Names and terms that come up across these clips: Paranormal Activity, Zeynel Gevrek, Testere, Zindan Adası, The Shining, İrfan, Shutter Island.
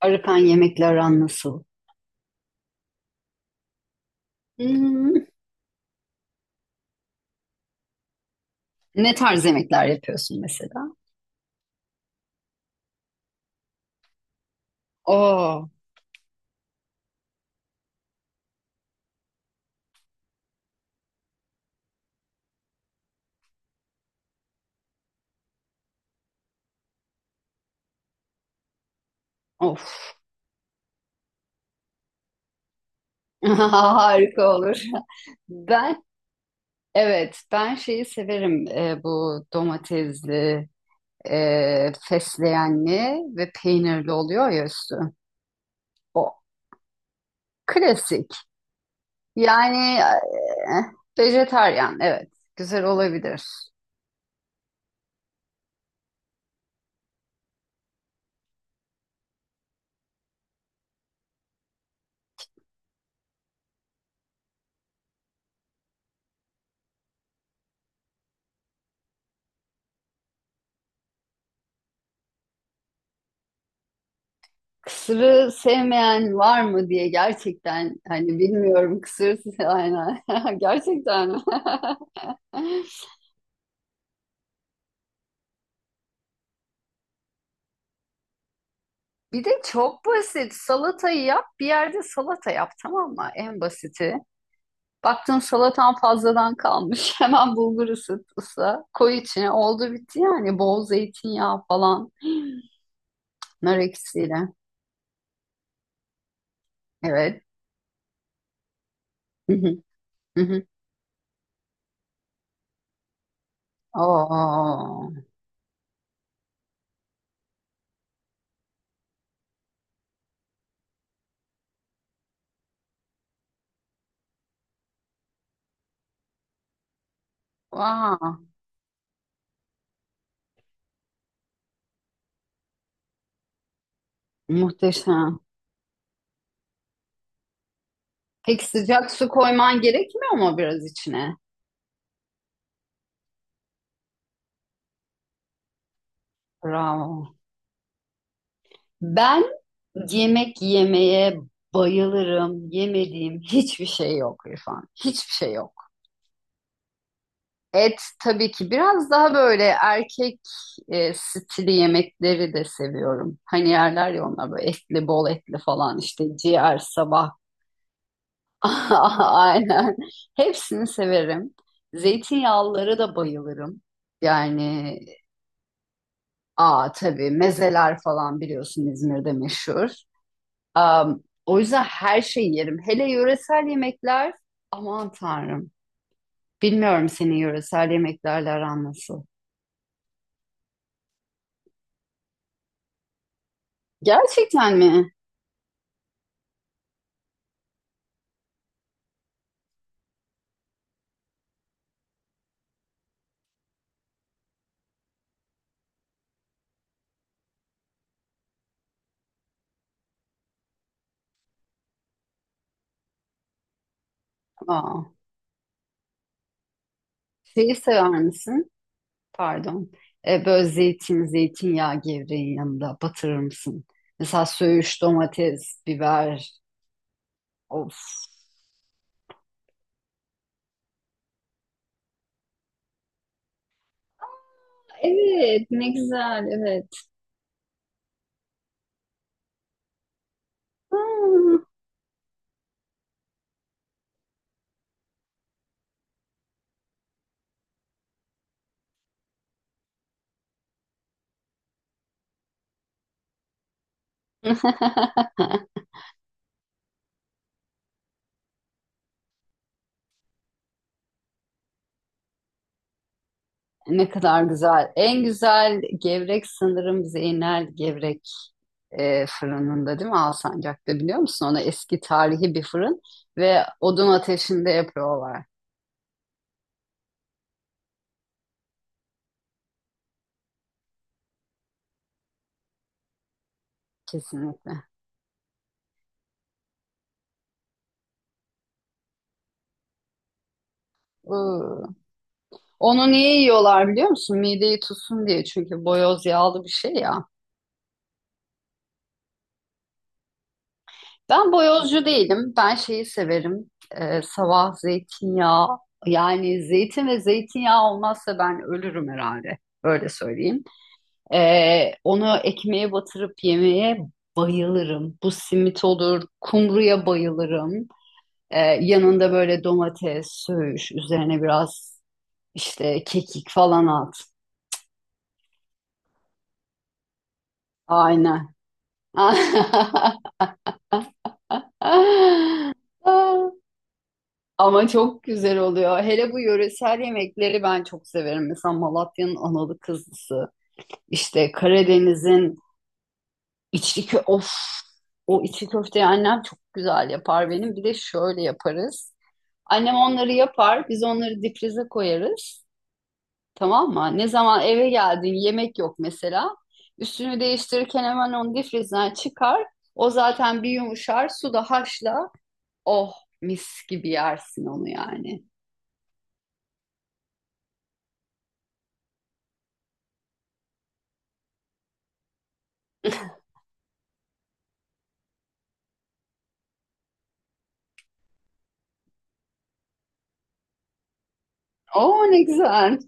Arıkan yemekle aran nasıl? Hmm, ne tarz yemekler yapıyorsun mesela? Oo, of. Harika olur. Ben evet ben şeyi severim bu domatesli, fesleğenli ve peynirli oluyor ya üstü. O klasik. Yani Vejetaryen evet güzel olabilir. Kısırı sevmeyen var mı diye gerçekten hani bilmiyorum kısır aynen gerçekten mi? Bir de çok basit salatayı yap bir yerde salata yap tamam mı en basiti. Baktın salatan fazladan kalmış hemen bulgur ısıt ısla koy içine oldu bitti yani bol zeytinyağı falan nar ekşisiyle evet. Hı hı, hı hı. Oo, vah, muhteşem. Peki sıcak su koyman gerekmiyor mu biraz içine? Bravo. Ben yemek yemeye bayılırım. Yemediğim hiçbir şey yok İrfan. Hiçbir şey yok. Et tabii ki biraz daha böyle erkek stili yemekleri de seviyorum. Hani yerler ya onlar böyle etli, bol etli falan işte ciğer, sabah. Aynen. Hepsini severim. Zeytinyağlıları da bayılırım. Yani aa tabii mezeler falan biliyorsun İzmir'de meşhur. O yüzden her şeyi yerim. Hele yöresel yemekler aman tanrım. Bilmiyorum senin yöresel yemeklerle aran nasıl. Gerçekten mi? Aa, şeyi sever misin? Pardon. Böyle zeytin, zeytinyağı gevreğin yanında batırır mısın? Mesela söğüş, domates, biber. Of. Evet, ne güzel, evet. Hmm. Ne kadar güzel. En güzel gevrek sanırım Zeynel Gevrek fırınında değil mi Alsancak'ta biliyor musun? Ona eski tarihi bir fırın ve odun ateşinde yapıyorlar. Kesinlikle. Iı. Onu niye yiyorlar biliyor musun? Mideyi tutsun diye. Çünkü boyoz yağlı bir şey ya. Ben boyozcu değilim. Ben şeyi severim. Sabah zeytinyağı. Yani zeytin ve zeytinyağı olmazsa ben ölürüm herhalde. Öyle söyleyeyim. Onu ekmeğe batırıp yemeye bayılırım. Bu simit olur, kumruya bayılırım. Yanında böyle domates, söğüş, üzerine biraz işte kekik falan at. Aynen. Ama çok güzel oluyor. Hele bu yöresel yemekleri ben çok severim. Mesela Malatya'nın analı kızlısı, işte Karadeniz'in İçli kö of o içli köfteyi annem çok güzel yapar benim. Bir de şöyle yaparız. Annem onları yapar, biz onları difrize koyarız. Tamam mı? Ne zaman eve geldin yemek yok mesela. Üstünü değiştirirken hemen onu difrizden çıkar. O zaten bir yumuşar, suda haşla. Oh, mis gibi yersin onu yani. Oo ne güzel.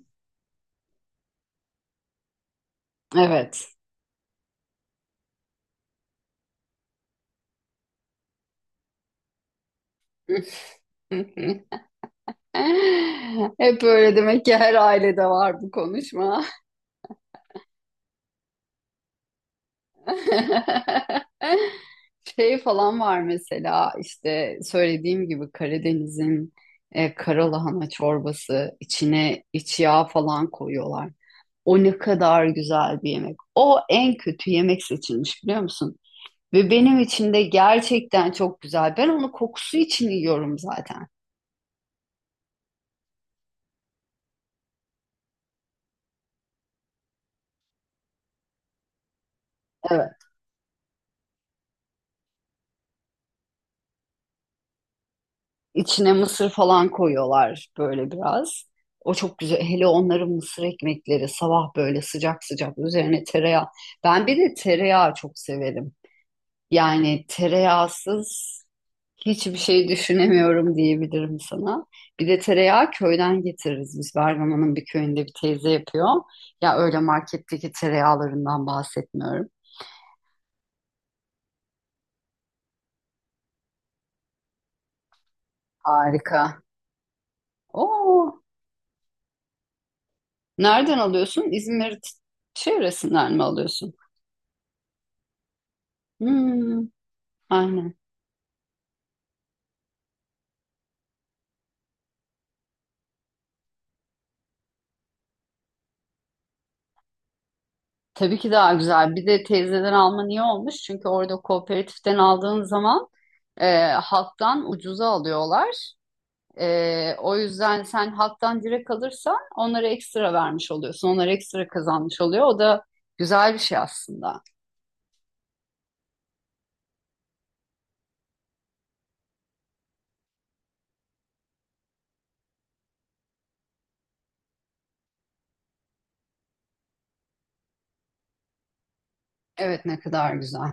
Evet. Hep öyle demek ki her ailede var bu konuşma. Şey falan var mesela işte söylediğim gibi Karadeniz'in karalahana çorbası içine iç yağ falan koyuyorlar. O ne kadar güzel bir yemek. O en kötü yemek seçilmiş biliyor musun? Ve benim için de gerçekten çok güzel. Ben onu kokusu için yiyorum zaten. İçine mısır falan koyuyorlar böyle biraz. O çok güzel. Hele onların mısır ekmekleri sabah böyle sıcak sıcak üzerine tereyağı. Ben bir de tereyağı çok severim. Yani tereyağsız hiçbir şey düşünemiyorum diyebilirim sana. Bir de tereyağı köyden getiririz biz. Bergama'nın bir köyünde bir teyze yapıyor. Ya öyle marketteki tereyağlarından bahsetmiyorum. Harika. Oo, nereden alıyorsun? İzmir çevresinden mi alıyorsun? Hmm. Aynen. Tabii ki daha güzel. Bir de teyzeden alman iyi olmuş. Çünkü orada kooperatiften aldığın zaman halktan ucuza alıyorlar. O yüzden sen halktan direkt alırsan onlara ekstra vermiş oluyorsun. Onlar ekstra kazanmış oluyor. O da güzel bir şey aslında. Evet ne kadar güzel.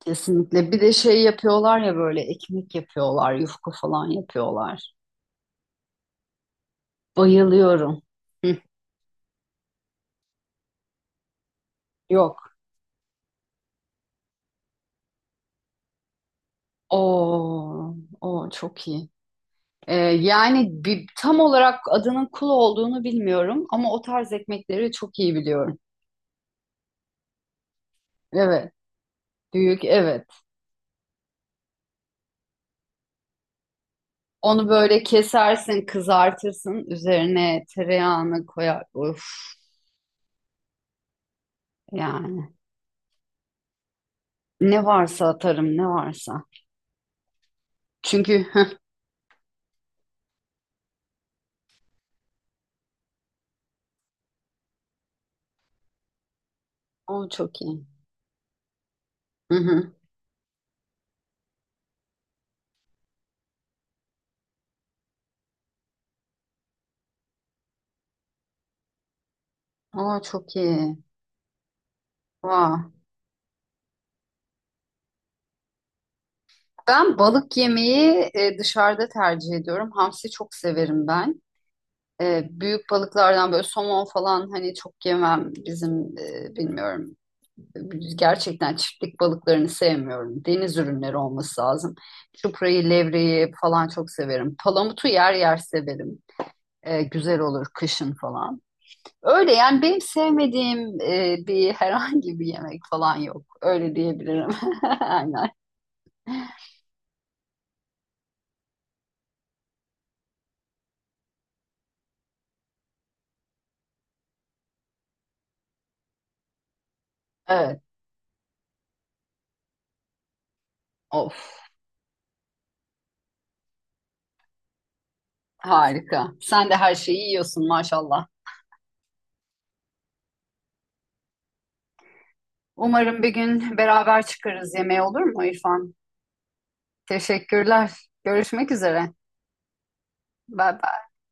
Kesinlikle. Bir de şey yapıyorlar ya böyle ekmek yapıyorlar, yufka falan yapıyorlar. Bayılıyorum. Hı, yok. Oo, o çok iyi. Yani bir, tam olarak adının kul olduğunu bilmiyorum ama o tarz ekmekleri çok iyi biliyorum. Evet, büyük evet. Onu böyle kesersin, kızartırsın, üzerine tereyağını koyar. Of, yani ne varsa atarım, ne varsa. Çünkü o çok iyi. Hı hı. O çok iyi. Vah. Ben balık yemeği dışarıda tercih ediyorum. Hamsi çok severim ben. Büyük balıklardan böyle somon falan hani çok yemem bizim bilmiyorum gerçekten çiftlik balıklarını sevmiyorum. Deniz ürünleri olması lazım. Çuprayı, levreyi falan çok severim. Palamutu yer yer severim. Güzel olur kışın falan. Öyle yani benim sevmediğim bir herhangi bir yemek falan yok. Öyle diyebilirim. Aynen. Evet. Of, harika. Sen de her şeyi yiyorsun maşallah. Umarım bir gün beraber çıkarız yemeğe olur mu İrfan? Teşekkürler. Görüşmek üzere. Bye bye.